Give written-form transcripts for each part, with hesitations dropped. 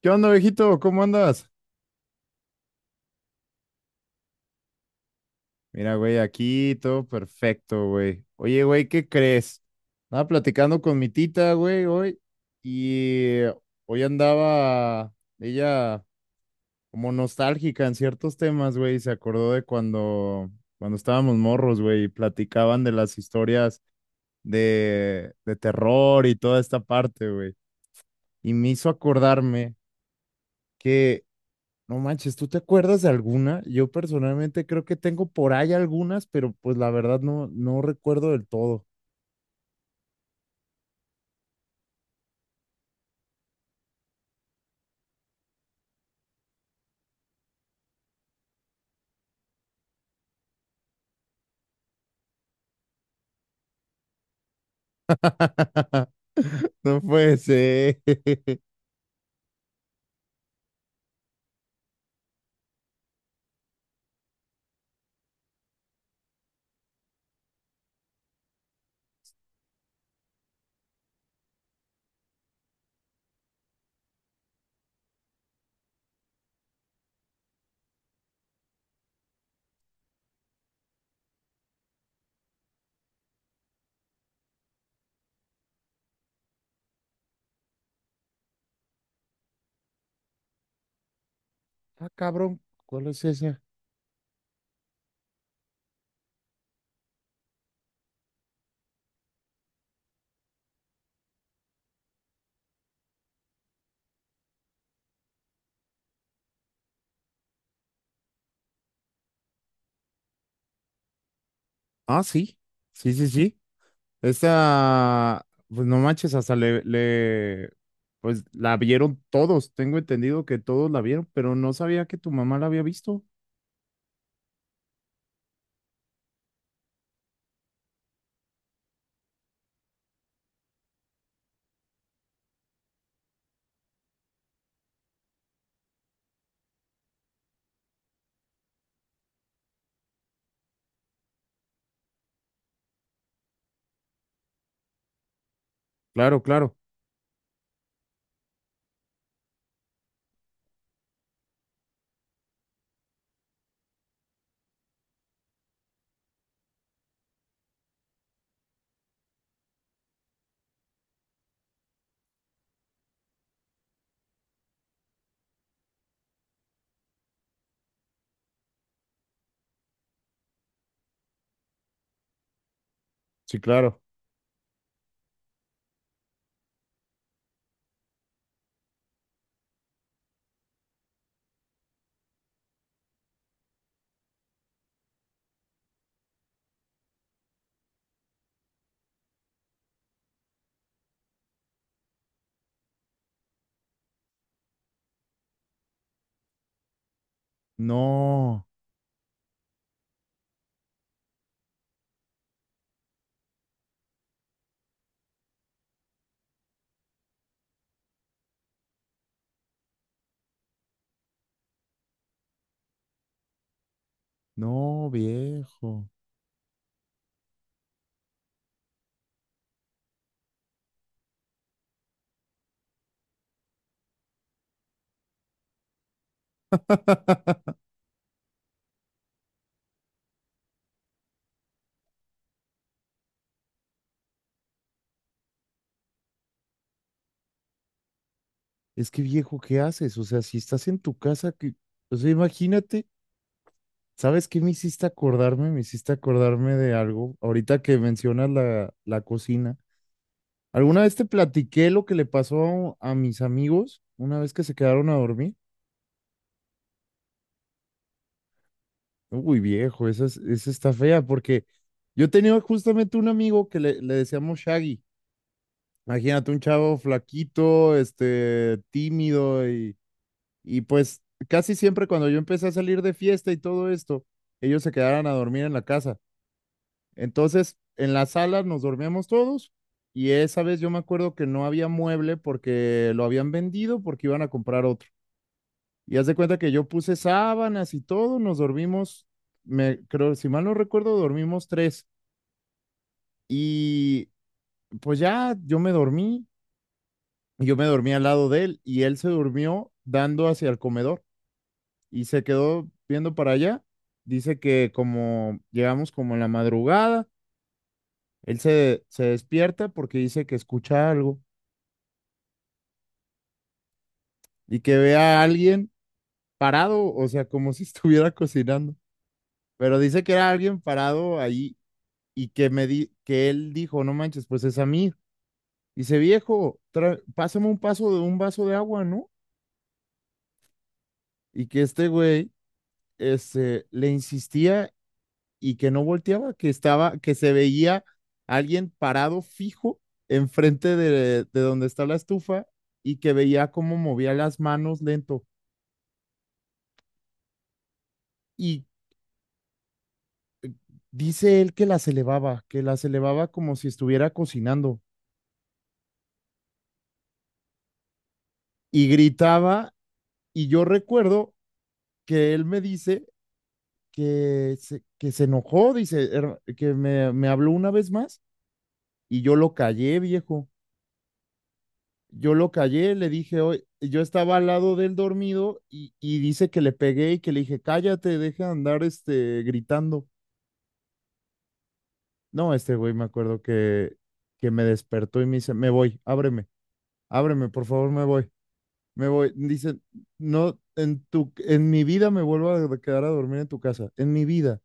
¿Qué onda, viejito? ¿Cómo andas? Mira, güey, aquí todo perfecto, güey. Oye, güey, ¿qué crees? Estaba platicando con mi tita, güey, hoy, y hoy andaba ella como nostálgica en ciertos temas, güey, y se acordó de cuando estábamos morros, güey, y platicaban de las historias de terror y toda esta parte, güey. Y me hizo acordarme. No manches, ¿tú te acuerdas de alguna? Yo personalmente creo que tengo por ahí algunas, pero pues la verdad no recuerdo del todo. No puede ser. Ah, cabrón, ¿cuál es esa? Ah, sí, sí, sí, sí. Esta, pues no manches, hasta pues la vieron todos. Tengo entendido que todos la vieron, pero no sabía que tu mamá la había visto. Claro, claro, sí, claro. No, no, viejo. Es que viejo, ¿qué haces? O sea, si estás en tu casa, que, o sea, imagínate, ¿sabes qué me hiciste acordarme? Me hiciste acordarme de algo. Ahorita que mencionas la cocina. ¿Alguna vez te platiqué lo que le pasó a mis amigos una vez que se quedaron a dormir? Uy, viejo, esa, esa está fea porque yo tenía justamente un amigo que le decíamos Shaggy. Imagínate, un chavo flaquito, este, tímido. Y pues casi siempre cuando yo empecé a salir de fiesta y todo esto, ellos se quedaron a dormir en la casa. Entonces, en la sala nos dormíamos todos, y esa vez yo me acuerdo que no había mueble porque lo habían vendido porque iban a comprar otro. Y haz de cuenta que yo puse sábanas y todo, nos dormimos, me creo, si mal no recuerdo, dormimos tres. Y pues ya yo me dormí al lado de él y él se durmió dando hacia el comedor, y se quedó viendo para allá. Dice que como llegamos como en la madrugada, él se despierta porque dice que escucha algo y que ve a alguien parado, o sea, como si estuviera cocinando. Pero dice que era alguien parado ahí y que me di, que él dijo, no manches, pues es a mí. Dice, viejo, pásame un paso de un vaso de agua, ¿no? Y que este güey, este, le insistía y que no volteaba, que estaba, que se veía alguien parado fijo enfrente de donde está la estufa y que veía cómo movía las manos lento. Y dice él que las elevaba como si estuviera cocinando y gritaba. Y yo recuerdo que él me dice que se enojó, dice, "Que me habló una vez más y yo lo callé, viejo. Yo lo callé, le dije, hoy, yo estaba al lado del dormido y dice que le pegué y que le dije, cállate, deja de andar este, gritando. No, este güey me acuerdo que me despertó y me dice, me voy, ábreme, ábreme, por favor, me voy, me voy. Dice, no, en tu, en mi vida me vuelvo a quedar a dormir en tu casa, en mi vida.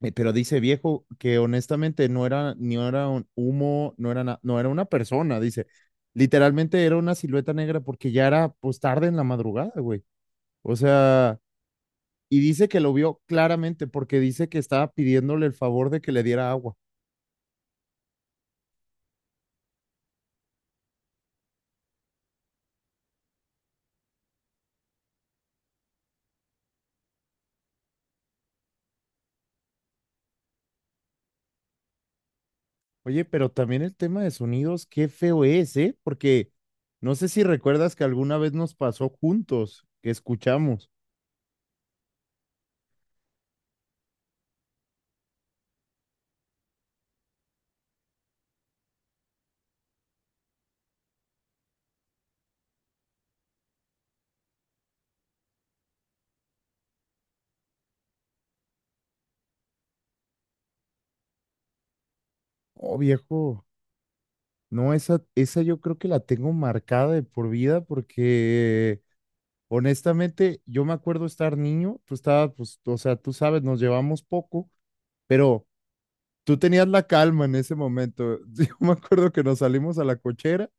Pero dice viejo que honestamente no era, ni era un humo, no era, no era una persona, dice. Literalmente era una silueta negra porque ya era pues tarde en la madrugada, güey. O sea, y dice que lo vio claramente porque dice que estaba pidiéndole el favor de que le diera agua. Oye, pero también el tema de sonidos, qué feo es, ¿eh? Porque no sé si recuerdas que alguna vez nos pasó juntos, que escuchamos. Oh, viejo, no, esa yo creo que la tengo marcada de por vida porque... Honestamente, yo me acuerdo estar niño, tú estabas, pues, o sea, tú sabes, nos llevamos poco, pero tú tenías la calma en ese momento. Yo me acuerdo que nos salimos a la cochera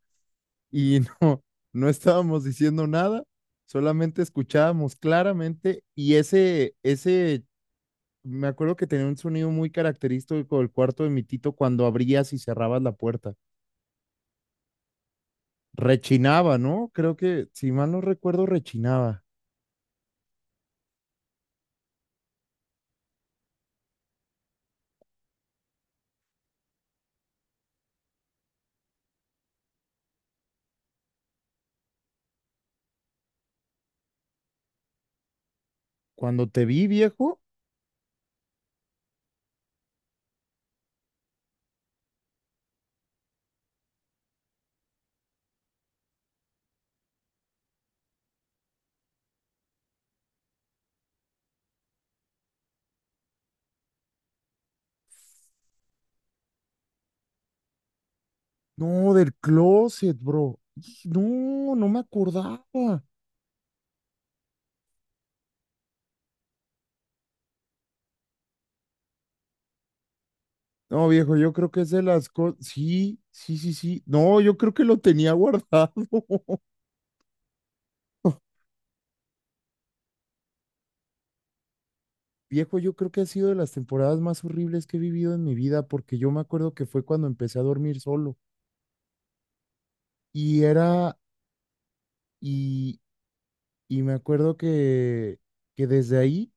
y no, no estábamos diciendo nada, solamente escuchábamos claramente y ese, me acuerdo que tenía un sonido muy característico del cuarto de mi tito cuando abrías y cerrabas la puerta. Rechinaba, ¿no? Creo que, si mal no recuerdo, rechinaba. Cuando te vi, viejo. No, del closet, bro. Ij, no, no me acordaba. No, viejo, yo creo que es de las cosas. Sí, sí, sí, sí. No, yo creo que lo tenía guardado. Viejo, yo creo que ha sido de las temporadas más horribles que he vivido en mi vida, porque yo me acuerdo que fue cuando empecé a dormir solo. Y era, y, y me acuerdo que desde ahí,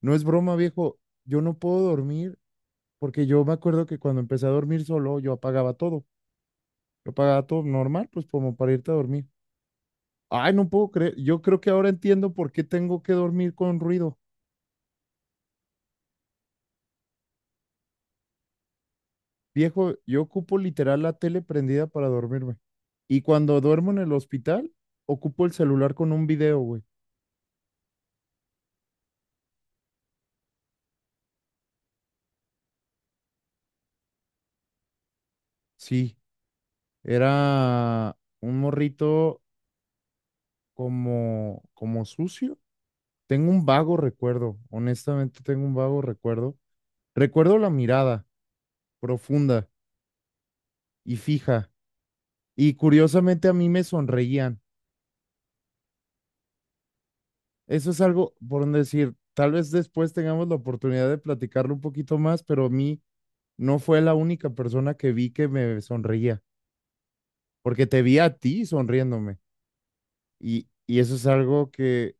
no es broma, viejo, yo no puedo dormir, porque yo me acuerdo que cuando empecé a dormir solo, yo apagaba todo. Yo apagaba todo normal, pues como para irte a dormir. Ay, no puedo creer. Yo creo que ahora entiendo por qué tengo que dormir con ruido. Viejo, yo ocupo literal la tele prendida para dormirme. Y cuando duermo en el hospital, ocupo el celular con un video, güey. Sí, era un morrito como sucio. Tengo un vago recuerdo, honestamente tengo un vago recuerdo. Recuerdo la mirada profunda y fija. Y curiosamente a mí me sonreían. Eso es algo por no decir, tal vez después tengamos la oportunidad de platicarlo un poquito más, pero a mí no fue la única persona que vi que me sonreía, porque te vi a ti sonriéndome. Y eso es algo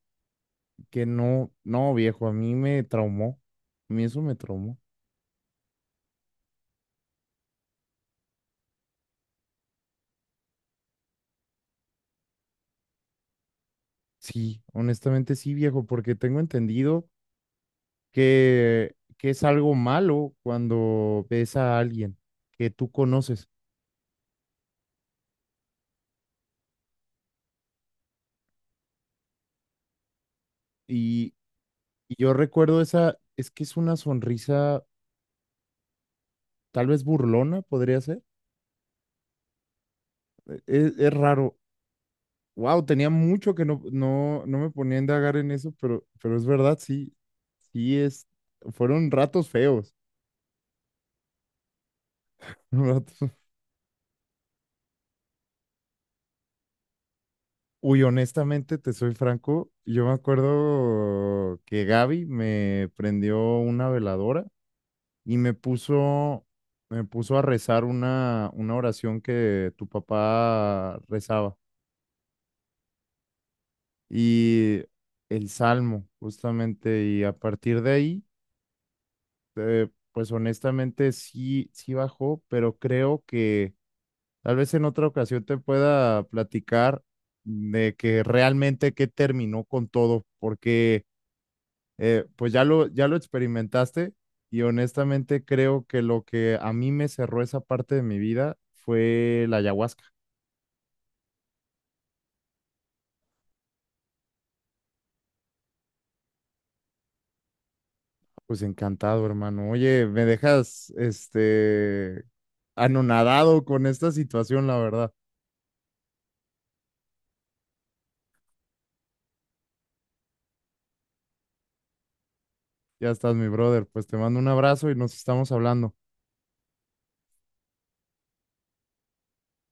que no, no, viejo, a mí me traumó. A mí eso me traumó. Sí, honestamente sí, viejo, porque tengo entendido que es algo malo cuando ves a alguien que tú conoces. Y, y yo recuerdo esa, es que es una sonrisa tal vez burlona podría ser. Es raro. Wow, tenía mucho que no me ponía a indagar en eso, pero es verdad, sí, sí es, fueron ratos feos. ratos- Uy, honestamente, te soy franco, yo me acuerdo que Gaby me prendió una veladora y me puso a rezar una oración que tu papá rezaba y el salmo, justamente, y a partir de ahí. Pues honestamente sí, sí bajó, pero creo que tal vez en otra ocasión te pueda platicar de que realmente qué terminó con todo, porque pues ya lo experimentaste y honestamente creo que lo que a mí me cerró esa parte de mi vida fue la ayahuasca. Pues encantado, hermano. Oye, me dejas este anonadado con esta situación, la verdad. Ya estás, mi brother. Pues te mando un abrazo y nos estamos hablando.